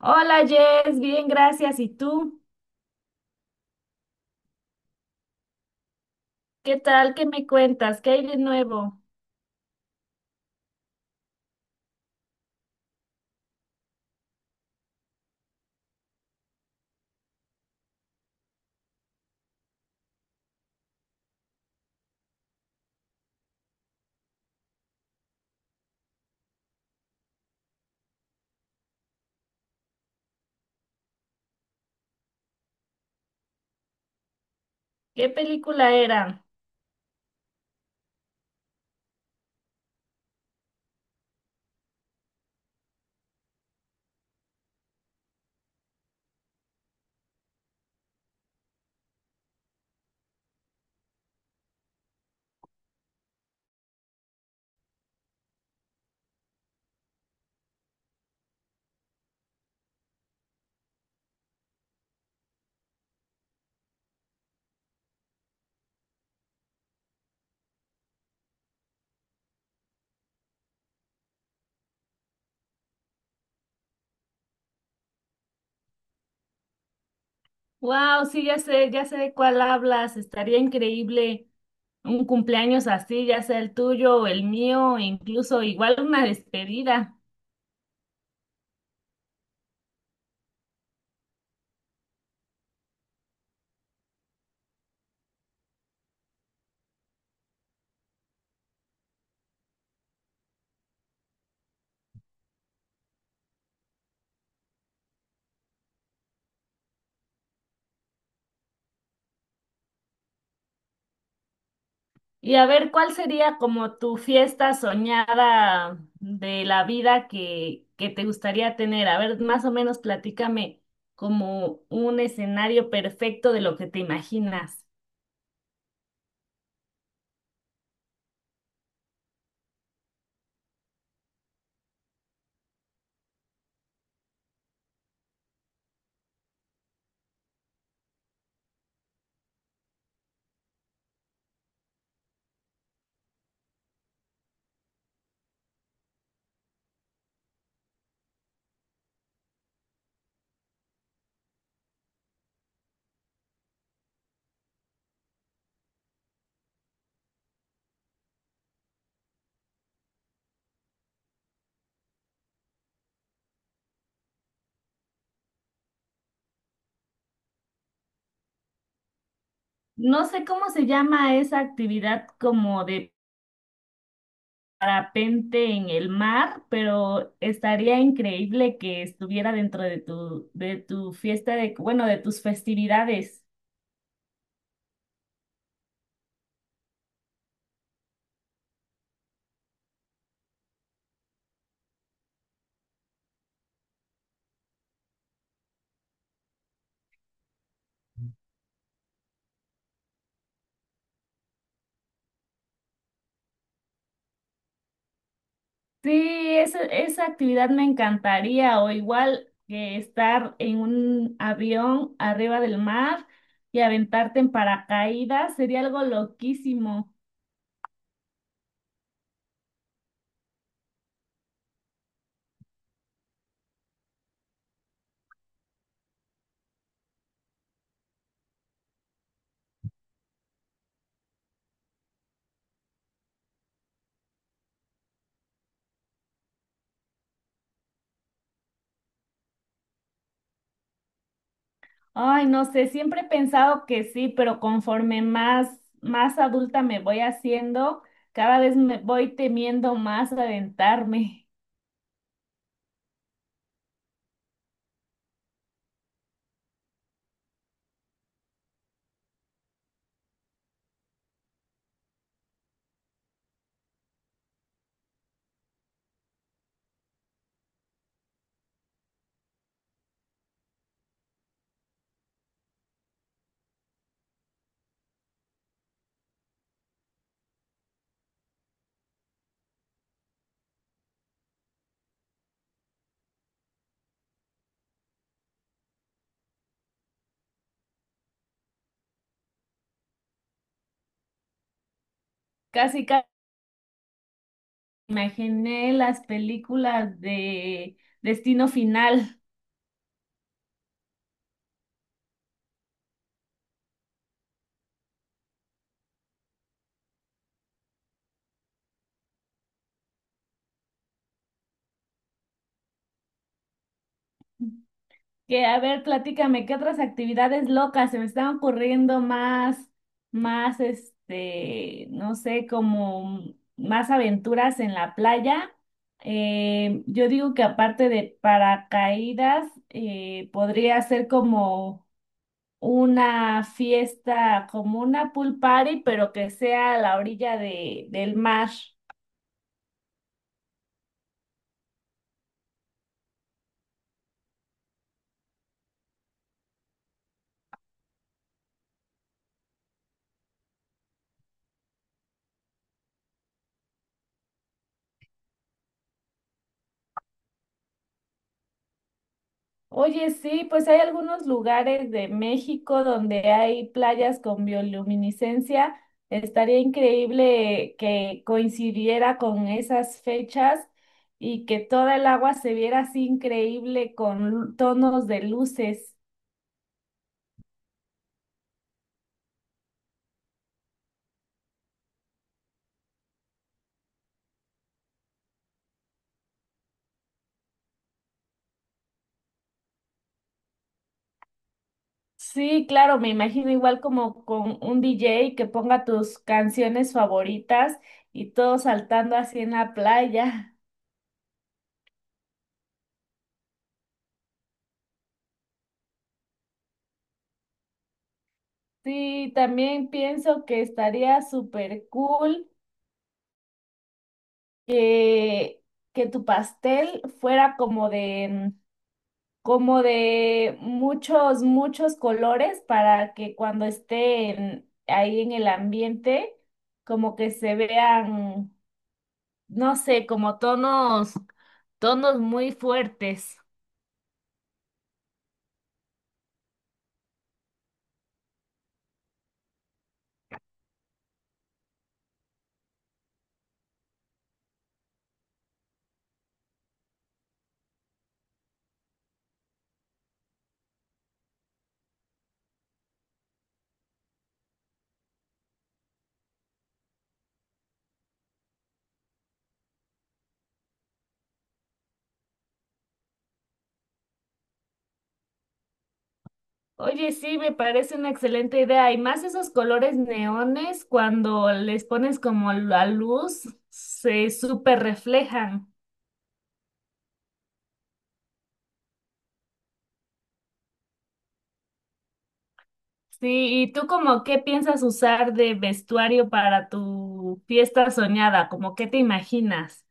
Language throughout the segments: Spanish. Hola Jess, bien, gracias. ¿Y tú? ¿Qué tal? ¿Qué me cuentas? ¿Qué hay de nuevo? ¿Qué película era? Wow, sí, ya sé de cuál hablas. Estaría increíble un cumpleaños así, ya sea el tuyo o el mío, e incluso igual una despedida. Y a ver, ¿cuál sería como tu fiesta soñada de la vida que te gustaría tener? A ver, más o menos platícame como un escenario perfecto de lo que te imaginas. No sé cómo se llama esa actividad como de parapente en el mar, pero estaría increíble que estuviera dentro de tu fiesta de, bueno, de tus festividades. Sí, esa actividad me encantaría, o igual que estar en un avión arriba del mar y aventarte en paracaídas, sería algo loquísimo. Ay, no sé, siempre he pensado que sí, pero conforme más, más adulta me voy haciendo, cada vez me voy temiendo más aventarme. Casi, casi imaginé las películas de Destino Final. Que, a ver, platícame, ¿qué otras actividades locas se me están ocurriendo más, más, este, no sé, como más aventuras en la playa? Yo digo que aparte de paracaídas, podría ser como una fiesta, como una pool party, pero que sea a la orilla de, del mar. Oye, sí, pues hay algunos lugares de México donde hay playas con bioluminiscencia. Estaría increíble que coincidiera con esas fechas y que toda el agua se viera así increíble con lu- tonos de luces. Sí, claro, me imagino igual como con un DJ que ponga tus canciones favoritas y todos saltando así en la playa. Sí, también pienso que estaría súper cool que, que tu pastel fuera como de, como de muchos, muchos colores para que cuando estén ahí en el ambiente, como que se vean, no sé, como tonos, tonos muy fuertes. Oye, sí, me parece una excelente idea. Y más esos colores neones, cuando les pones como la luz, se súper reflejan. Sí, ¿y tú como qué piensas usar de vestuario para tu fiesta soñada? ¿Cómo qué te imaginas?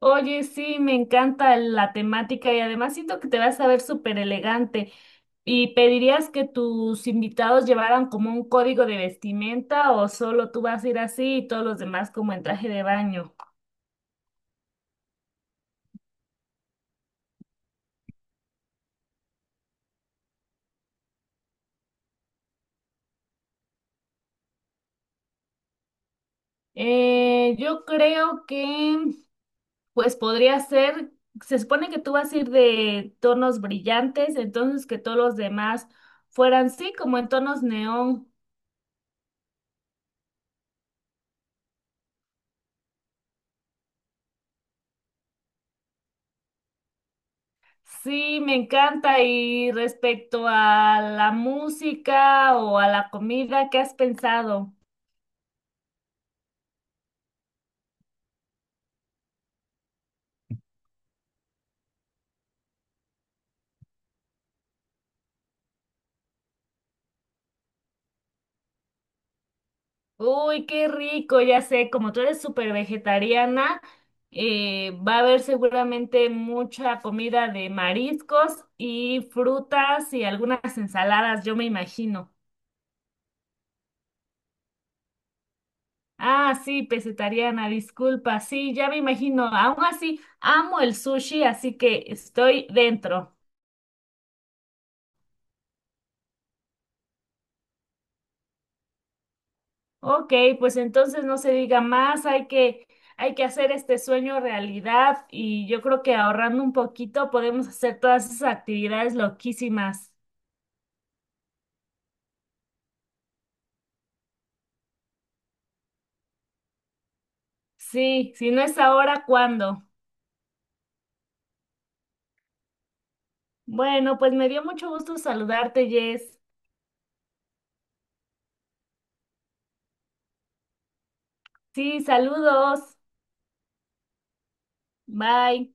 Oye, sí, me encanta la temática y además siento que te vas a ver súper elegante. ¿Y pedirías que tus invitados llevaran como un código de vestimenta o solo tú vas a ir así y todos los demás como en traje de baño? Yo creo que pues podría ser, se supone que tú vas a ir de tonos brillantes, entonces que todos los demás fueran, sí, como en tonos neón. Sí, me encanta. Y respecto a la música o a la comida, ¿qué has pensado? Uy, qué rico, ya sé, como tú eres súper vegetariana, va a haber seguramente mucha comida de mariscos y frutas y algunas ensaladas, yo me imagino. Ah, sí, pesetariana, disculpa. Sí, ya me imagino. Aún así, amo el sushi, así que estoy dentro. Ok, pues entonces no se diga más, hay que hacer este sueño realidad y yo creo que ahorrando un poquito podemos hacer todas esas actividades loquísimas. Sí, si no es ahora, ¿cuándo? Bueno, pues me dio mucho gusto saludarte, Jess. Sí, saludos. Bye.